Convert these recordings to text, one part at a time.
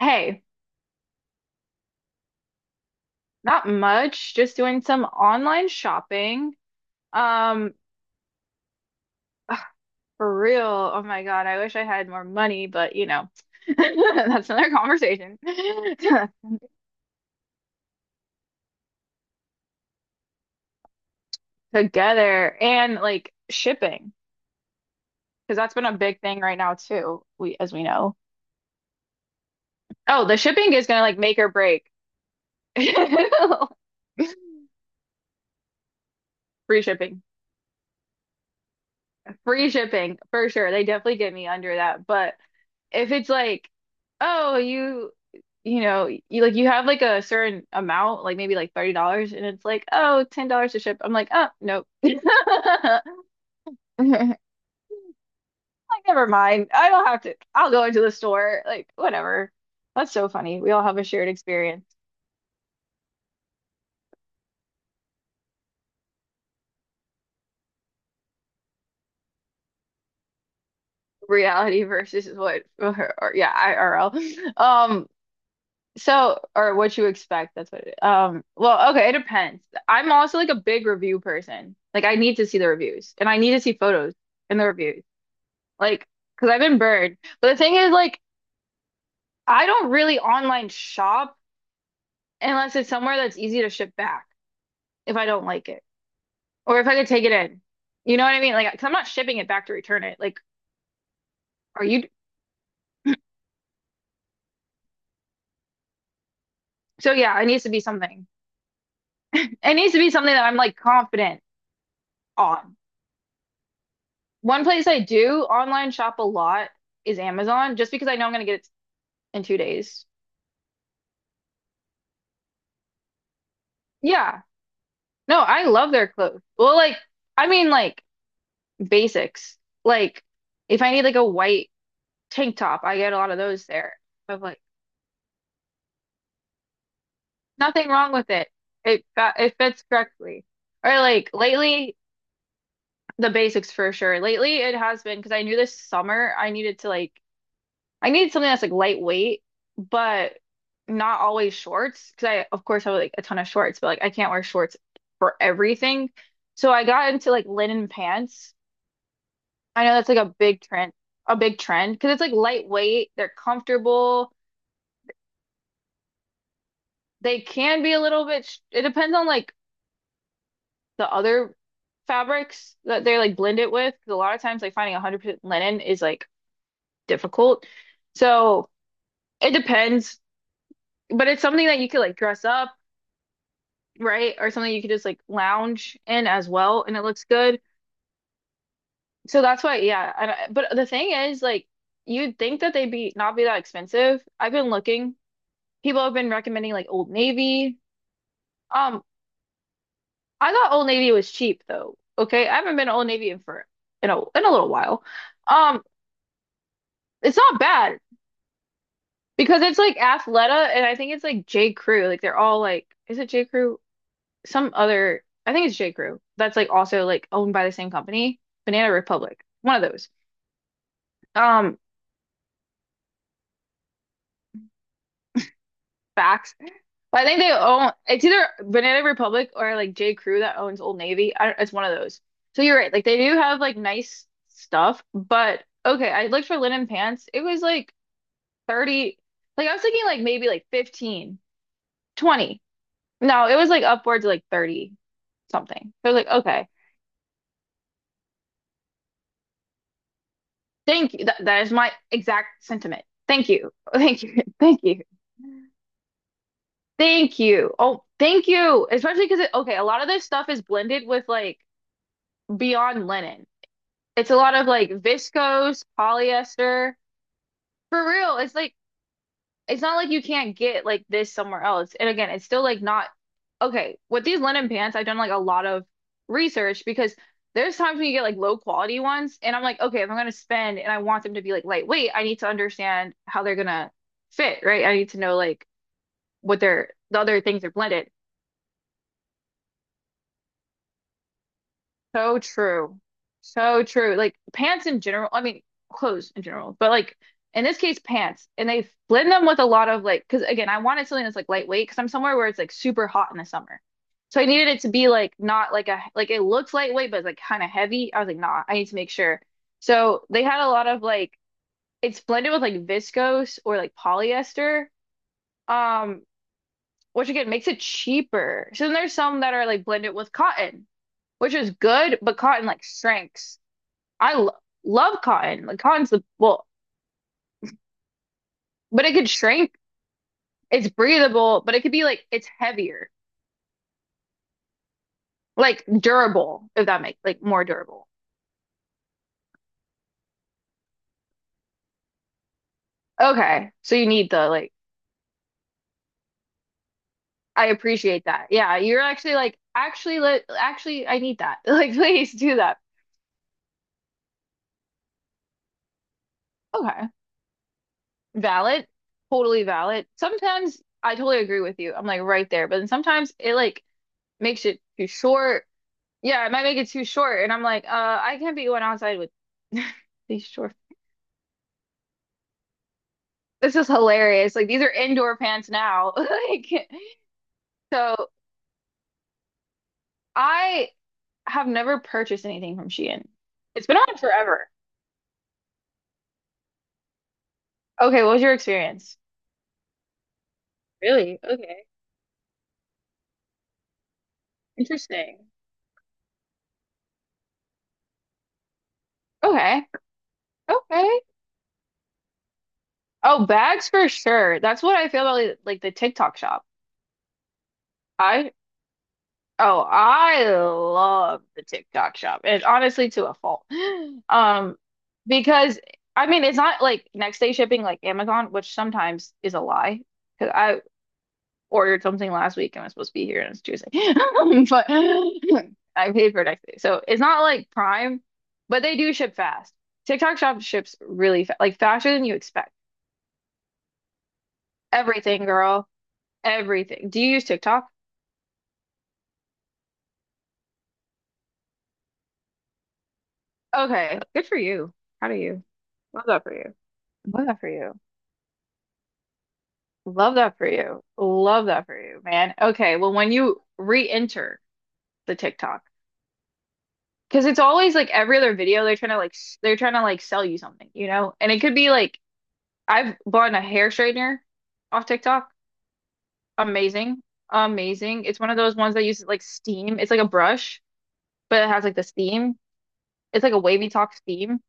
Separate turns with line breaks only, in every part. Hey, not much. Just doing some online shopping. Um, for real. Oh my God, I wish I had more money, but you know, that's another conversation. Together. And like shipping, because that's been a big thing right now too, we as we know. Oh, the shipping is gonna like make or break. Free shipping. Free shipping for sure. They definitely get me under that. But if it's like, oh, you know, you like you have like a certain amount, like maybe like $30, and it's like, oh, $10 to ship. I'm like, oh, nope. Like, never mind. I don't have to. I'll go into the store. Like, whatever. That's so funny. We all have a shared experience. Reality versus what, or, yeah, IRL. So, or what you expect, that's what it, well, okay, it depends. I'm also like a big review person. Like I need to see the reviews and I need to see photos in the reviews. Like, because 'cause I've been burned. But the thing is, like, I don't really online shop unless it's somewhere that's easy to ship back if I don't like it, or if I could take it in. You know what I mean? Like, 'cause I'm not shipping it back to return it. Like, are you? So yeah, it needs to be something. It needs to be something that I'm like confident on. One place I do online shop a lot is Amazon, just because I know I'm gonna get it in 2 days. Yeah. No, I love their clothes. Well, like, I mean, like basics. Like, if I need like a white tank top, I get a lot of those there. Of like, nothing wrong with it. It fits correctly. Or like lately, the basics for sure. Lately, it has been because I knew this summer I needed to like I needed something that's like lightweight, but not always shorts. Because I, of course, have like a ton of shorts, but like I can't wear shorts for everything. So I got into like linen pants. I know that's like a big trend because it's like lightweight. They're comfortable. They can be a little bit. Sh It depends on like the other fabrics that they like blend it with. Because a lot of times, like finding 100% linen is like difficult. So it depends, but it's something that you could like dress up, right? Or something you could just like lounge in as well, and it looks good. So that's why, yeah. And I, but the thing is, like, you'd think that they'd be not be that expensive. I've been looking. People have been recommending like Old Navy. Um, I thought Old Navy was cheap though. Okay, I haven't been to Old Navy in for in a little while. Um, it's not bad because it's like Athleta, and I think it's like J. Crew. Like they're all like, is it J. Crew? Some other, I think it's J. Crew. That's like also like owned by the same company, Banana Republic, one of those. Um, Facts. But I think they own. It's either Banana Republic or like J. Crew that owns Old Navy. I don't, it's one of those. So you're right. Like they do have like nice stuff, but okay. I looked for linen pants. It was like 30. Like I was thinking like maybe like 15, 20. No, it was like upwards of like 30 something. So I was like, okay. Thank you. That is my exact sentiment. Thank you. Thank you. Thank you. Thank you. Oh, thank you. Especially because okay, a lot of this stuff is blended with like beyond linen. It's a lot of like viscose, polyester. For real, it's like it's not like you can't get like this somewhere else. And again, it's still like not okay. With these linen pants, I've done like a lot of research because there's times when you get like low quality ones, and I'm like, okay, if I'm gonna spend and I want them to be like lightweight, I need to understand how they're gonna fit, right? I need to know like what their the other things are blended. So true. So true. Like pants in general, I mean clothes in general, but like in this case pants. And they blend them with a lot of like because again, I wanted something that's like lightweight because I'm somewhere where it's like super hot in the summer. So I needed it to be like not like a like it looks lightweight but it's like kind of heavy. I was like, nah, I need to make sure. So they had a lot of like it's blended with like viscose or like polyester. Um, which again makes it cheaper. So then there's some that are like blended with cotton, which is good, but cotton like shrinks. I lo Love cotton. Like cotton's the well, but it could shrink. It's breathable, but it could be like it's heavier, like durable, if that makes like more durable. Okay, so you need the like. I appreciate that. Yeah, you're actually like actually I need that. Like please do that. Okay, valid, totally valid. Sometimes I totally agree with you. I'm like right there, but then sometimes it like makes it too short. Yeah, it might make it too short, and I'm like, I can't be going outside with these short. This is hilarious. Like these are indoor pants now. Like so I have never purchased anything from Shein. It's been on forever. Okay, what was your experience? Really? Okay. Interesting. Okay. Okay. Oh, bags for sure. That's what I feel about like the TikTok shop. I Oh, I love the TikTok shop. And honestly to a fault. Um, because I mean it's not like next day shipping like Amazon, which sometimes is a lie. Because I ordered something last week and I was supposed to be here and it's Tuesday. But I paid for it next day. So it's not like Prime, but they do ship fast. TikTok Shop ships really fast, like faster than you expect. Everything, girl. Everything. Do you use TikTok? Okay. Good for you. How do you? Love that for you. Love that for you. Love that for you. Love that for you, man. Okay, well, when you re-enter the TikTok, because it's always like every other video, they're trying to they're trying to like sell you something, you know? And it could be like I've bought a hair straightener off TikTok. Amazing. Amazing. It's one of those ones that uses like steam. It's like a brush, but it has like the steam. It's like a wavy talk steam.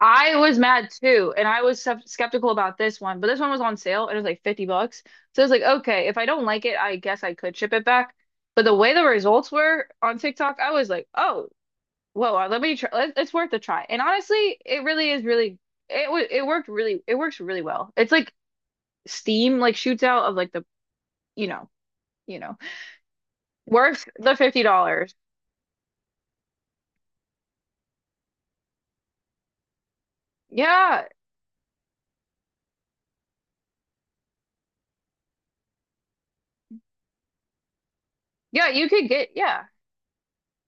I was mad too, and I was skeptical about this one, but this one was on sale and it was like 50 bucks. So I was like, okay, if I don't like it, I guess I could ship it back. But the way the results were on TikTok, I was like, oh, whoa, let me try. It's worth a try. And honestly, it really is really, it, wa- it worked really, it works really well. It's like, steam like shoots out of like the you know you know, worth the $50. Yeah, yeah, you could get yeah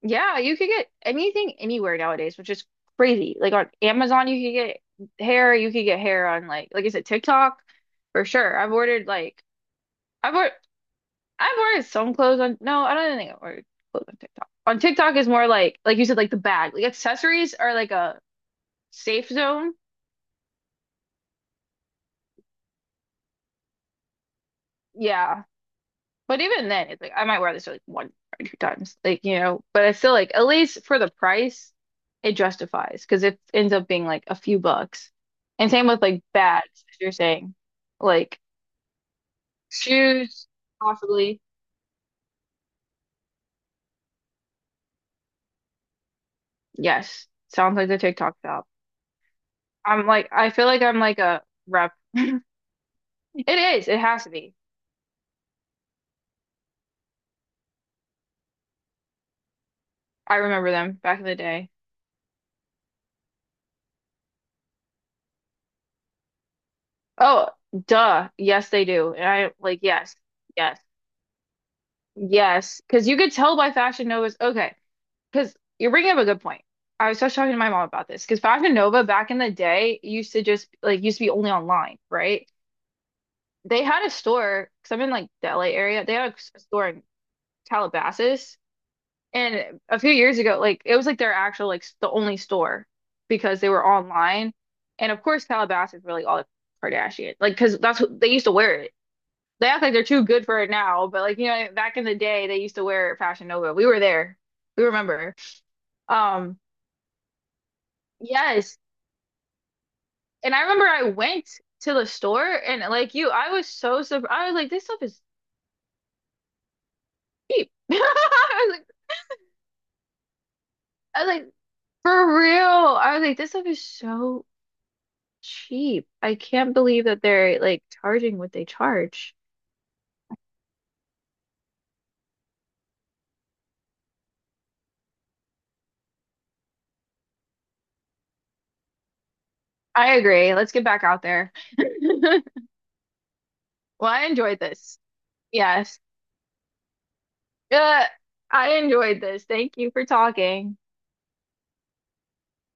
yeah you could get anything anywhere nowadays, which is crazy. Like on Amazon, you could get hair. You could get hair on like is it TikTok for sure. I've ordered I've ordered some clothes on. No, I don't think I've ordered clothes on TikTok. On TikTok is more like you said like the bag like accessories are like a safe zone. Yeah. But even then, it's like I might wear this like one or two times, like you know. But I still like at least for the price, it justifies because it ends up being like a few bucks. And same with like bags, as you're saying, like shoes, possibly. Yes, sounds like the TikTok shop. I'm like I feel like I'm like a rep. It is. It has to be. I remember them back in the day. Oh, duh. Yes, they do. And I like yes, yes, yes. Because you could tell by Fashion Nova's okay. Because you're bringing up a good point. I was just talking to my mom about this because Fashion Nova back in the day used to just like used to be only online, right? They had a store because I'm in like the LA area. They had a store in Calabasas, and a few years ago, like it was like their actual the only store because they were online, and of course Calabasas were like all the Kardashian, like because that's what they used to wear it. They act like they're too good for it now, but like you know back in the day they used to wear Fashion Nova. We were there, we remember. Um. Yes, and I remember I went to the store and like you, I was so surprised. I was like, this stuff is cheap. I was like, for real. I was like, this stuff is so cheap. I can't believe that they're like charging what they charge. I agree. Let's get back out there. Well, I enjoyed this. Yes. Uh, I enjoyed this. Thank you for talking.